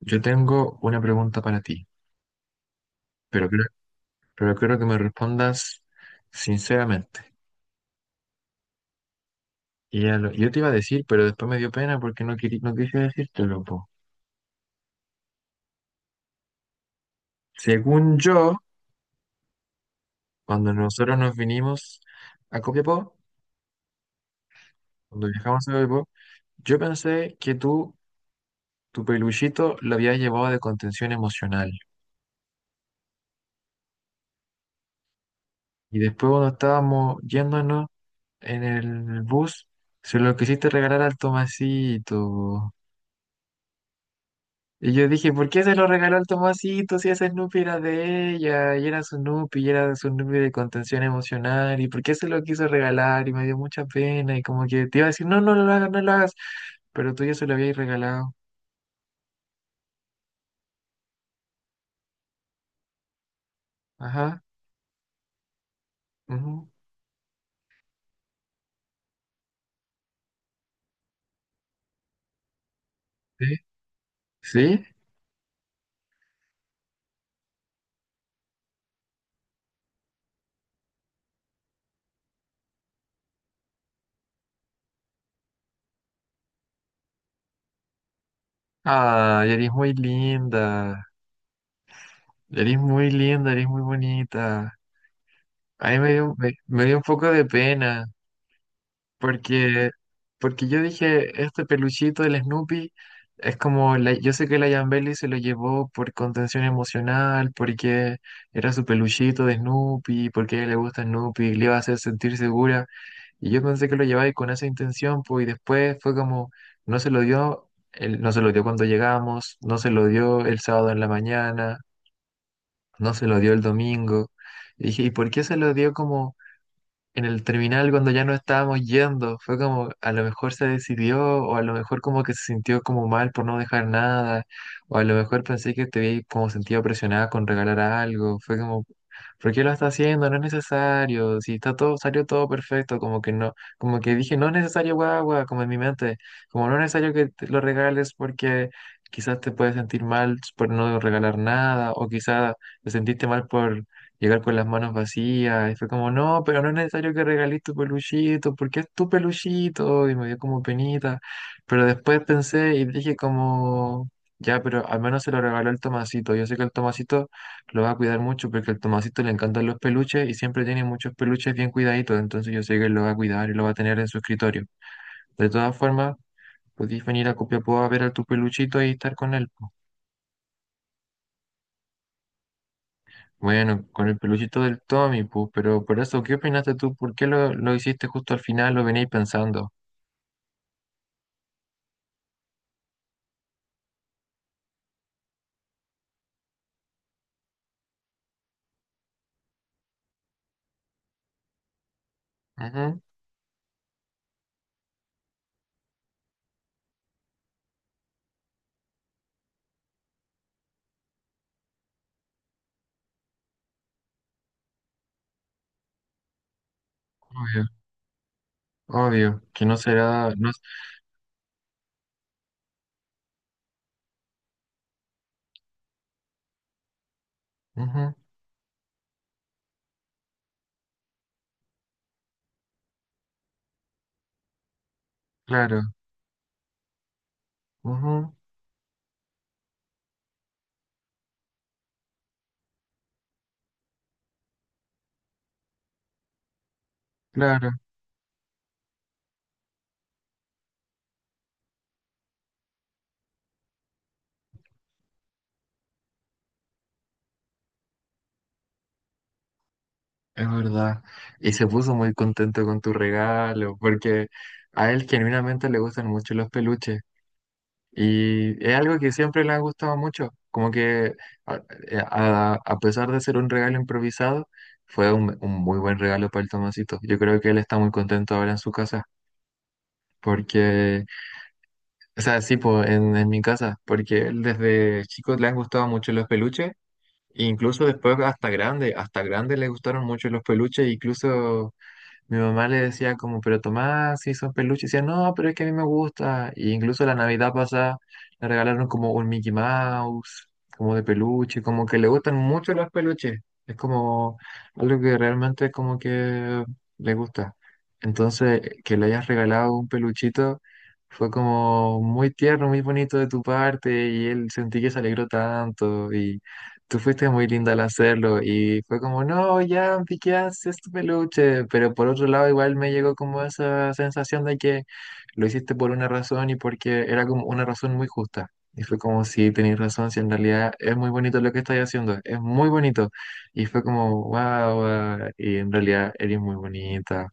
Yo tengo una pregunta para ti, pero creo, pero quiero que me respondas sinceramente. Y ya lo- yo te iba a decir, pero después me dio pena porque no, querí- no quise decírtelo, po. Según yo, cuando nosotros nos vinimos a Copiapó, cuando viajamos a Copiapó, yo pensé que tú, tu peluchito, lo habías llevado de contención emocional. Y después cuando estábamos yéndonos en el bus, se lo quisiste regalar al Tomasito. Y yo dije, ¿por qué se lo regaló al Tomasito si esa Snoopy era de ella? Y era su Snoopy, y era su Snoopy de contención emocional. ¿Y por qué se lo quiso regalar? Y me dio mucha pena. Y como que te iba a decir, no, no lo hagas, no lo hagas. Pero tú ya se lo habías regalado. Ajá. Ujú. ¿Sí? ¿Sí? Ah, eres muy linda. Eres muy linda, eres muy bonita. A mí me dio, me dio un poco de pena. Porque, porque yo dije, este peluchito del Snoopy es como, la- yo sé que la Yambeli se lo llevó por contención emocional, porque era su peluchito de Snoopy, porque a ella le gusta Snoopy, le iba a hacer sentir segura. Y yo pensé que lo llevaba ahí con esa intención, pues, y después fue como, no se lo dio, él no se lo dio cuando llegamos, no se lo dio el sábado en la mañana, no se lo dio el domingo. Y dije, ¿y por qué se lo dio como en el terminal cuando ya no estábamos yendo? Fue como, a lo mejor se decidió, o a lo mejor como que se sintió como mal por no dejar nada, o a lo mejor pensé que te vi como sentido presionada con regalar algo. Fue como, ¿por qué lo está haciendo? No es necesario. Si está todo, salió todo perfecto, como que no, como que dije, no es necesario guagua, como en mi mente, como no es necesario que te lo regales porque quizás te puedes sentir mal por no regalar nada, o quizás te sentiste mal por llegar con las manos vacías. Y fue como, no, pero no es necesario que regales tu peluchito, porque es tu peluchito. Y me dio como penita. Pero después pensé y dije como, ya, pero al menos se lo regaló el Tomasito. Yo sé que el Tomasito lo va a cuidar mucho porque al Tomasito le encantan los peluches y siempre tiene muchos peluches bien cuidaditos. Entonces yo sé que él lo va a cuidar y lo va a tener en su escritorio. De todas formas, podéis venir a Copiapó a ver a tu peluchito y estar con él. Bueno, con el peluchito del Tommy, pu, pero por eso, ¿qué opinaste tú? ¿Por qué lo hiciste justo al final? ¿Lo veníais pensando? Ujú. Obvio, obvio, que no será, no, es- ujú, claro, ujú, claro, es verdad. Y se puso muy contento con tu regalo, porque a él genuinamente le gustan mucho los peluches. Y es algo que siempre le ha gustado mucho, como que a, a pesar de ser un regalo improvisado, fue un muy buen regalo para el Tomasito. Yo creo que él está muy contento ahora en su casa, porque, o sea, sí, po, en mi casa, porque él desde chico le han gustado mucho los peluches, e incluso después hasta grande le gustaron mucho los peluches, incluso mi mamá le decía como, pero Tomás, si son peluches, y decía, no, pero es que a mí me gusta. Y incluso la Navidad pasada le regalaron como un Mickey Mouse, como de peluche, como que le gustan mucho los peluches. Es como algo que realmente es como que le gusta. Entonces, que le hayas regalado un peluchito fue como muy tierno, muy bonito de tu parte, y él sentí que se alegró tanto, y tú fuiste muy linda al hacerlo y fue como, no, ya, ¿qué haces tu peluche? Pero por otro lado, igual me llegó como esa sensación de que lo hiciste por una razón y porque era como una razón muy justa. Y fue como, sí, tenéis razón, si en realidad es muy bonito lo que estáis haciendo, es muy bonito. Y fue como, wow, y en realidad eres muy bonita.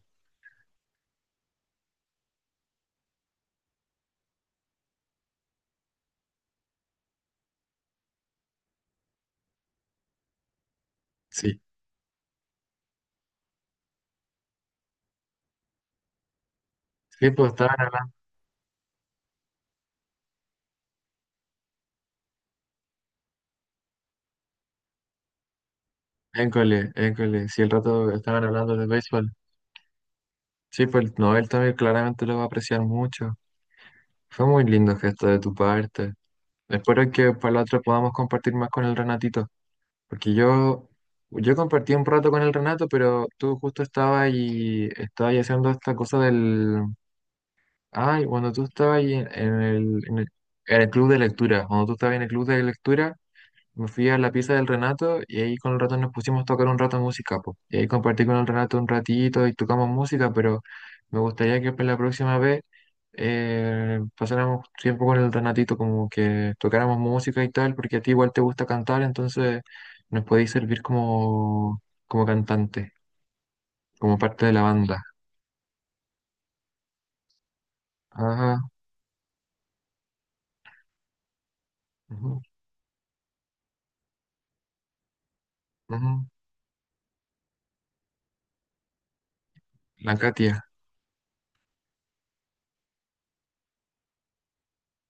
Sí, sí, pues estaban hablando, école, école, sí, el rato estaban hablando de béisbol. Sí, pues no, él también claramente lo va a apreciar mucho. Fue muy lindo gesto de tu parte. Espero que para la otra podamos compartir más con el Renatito, porque yo compartí un rato con el Renato, pero tú justo estabas y estabas ahí haciendo esta cosa del... Ay, cuando tú estabas ahí en el, en el, en el club de lectura, cuando tú estabas en el club de lectura, me fui a la pieza del Renato y ahí con el Renato nos pusimos a tocar un rato música, po. Y ahí compartí con el Renato un ratito y tocamos música, pero me gustaría que para la próxima vez pasáramos tiempo con el Renatito, como que tocáramos música y tal, porque a ti igual te gusta cantar, entonces nos podéis servir como, como cantante, como parte de la banda. Ajá. Ujú. Ujú. La Katia.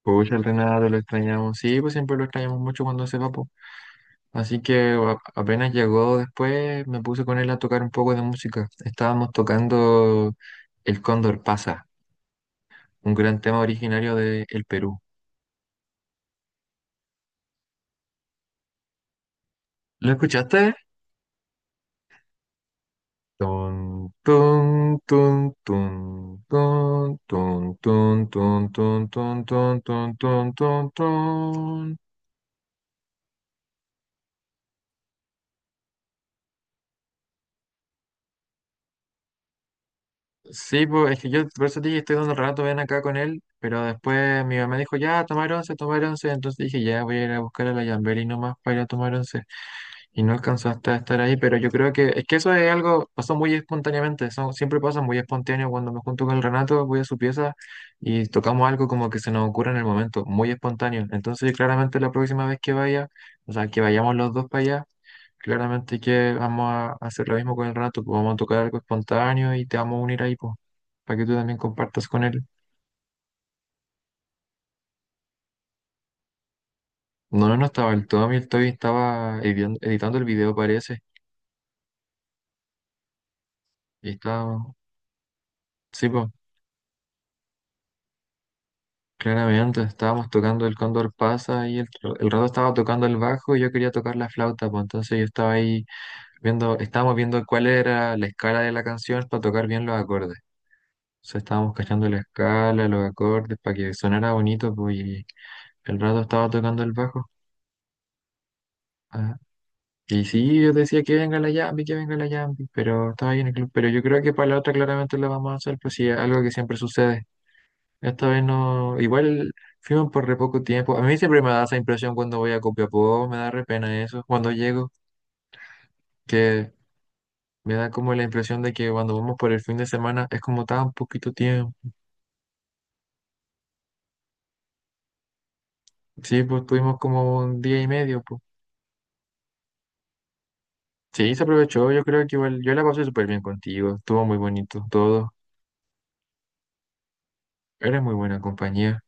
Pues el Renato lo extrañamos. Sí, pues siempre lo extrañamos mucho cuando se va, po. Así que a- apenas llegó después, me puse con él a tocar un poco de música. Estábamos tocando El Cóndor Pasa, un gran tema originario de El Perú. ¿Lo escuchaste? Tun, tun, tun, tun, tun, tun, tun, tun, tun, tun, tun, tun, tun, tun, tun. Sí, pues es que yo por eso te dije, estoy dando el rato, ven acá con él, pero después mi mamá dijo, ya, tomar once, entonces dije, ya, voy a ir a buscar a la Yambeli nomás para ir a tomar once. Y no alcanzaste a estar ahí, pero yo creo que es que eso es algo, pasó muy espontáneamente, eso siempre pasa muy espontáneo. Cuando me junto con el Renato, voy a su pieza y tocamos algo como que se nos ocurre en el momento, muy espontáneo. Entonces, claramente la próxima vez que vaya, o sea, que vayamos los dos para allá, claramente que vamos a hacer lo mismo con el Renato, pues vamos a tocar algo espontáneo y te vamos a unir ahí, pues, para que tú también compartas con él. No, no, no estaba el Tommy, el Toby estaba editando el video, parece, y estaba, sí, pues. Claramente, estábamos tocando el Cóndor pasa y el, tro- el rato estaba tocando el bajo y yo quería tocar la flauta, pues entonces yo estaba ahí viendo, estábamos viendo cuál era la escala de la canción para tocar bien los acordes. O sea, estábamos cachando la escala, los acordes, para que sonara bonito, pues y el rato estaba tocando el bajo. Ajá. Y sí, yo decía que venga la Yambi, que venga la Yambi, pero estaba ahí en el club. Pero yo creo que para la otra claramente lo vamos a hacer, pues sí, algo que siempre sucede. Esta vez no, igual fuimos por re poco tiempo. A mí siempre me da esa impresión cuando voy a Copiapó, me da re pena eso, cuando llego, que me da como la impresión de que cuando vamos por el fin de semana es como tan poquito tiempo. Sí, pues tuvimos como un día y medio, pues. Sí, se aprovechó, yo creo que igual, yo la pasé súper bien contigo, estuvo muy bonito todo. Eres muy buena compañía,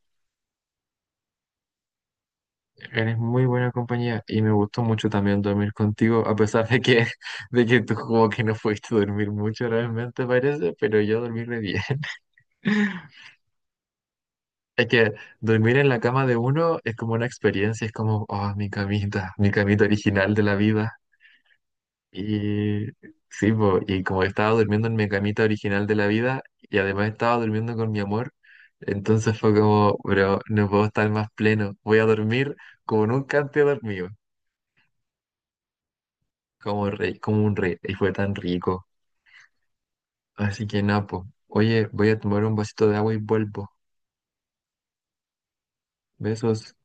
eres muy buena compañía y me gustó mucho también dormir contigo, a pesar de que, de que tú como que no fuiste a dormir mucho realmente parece, pero yo dormí re bien. Es que dormir en la cama de uno es como una experiencia, es como, oh, mi camita original de la vida. Y sí, po, y como estaba durmiendo en mi camita original de la vida y además estaba durmiendo con mi amor, entonces fue como, bro, no puedo estar más pleno, voy a dormir como nunca antes he dormido, como rey, como un rey, y fue tan rico. Así que napo, oye, voy a tomar un vasito de agua y vuelvo. Besos.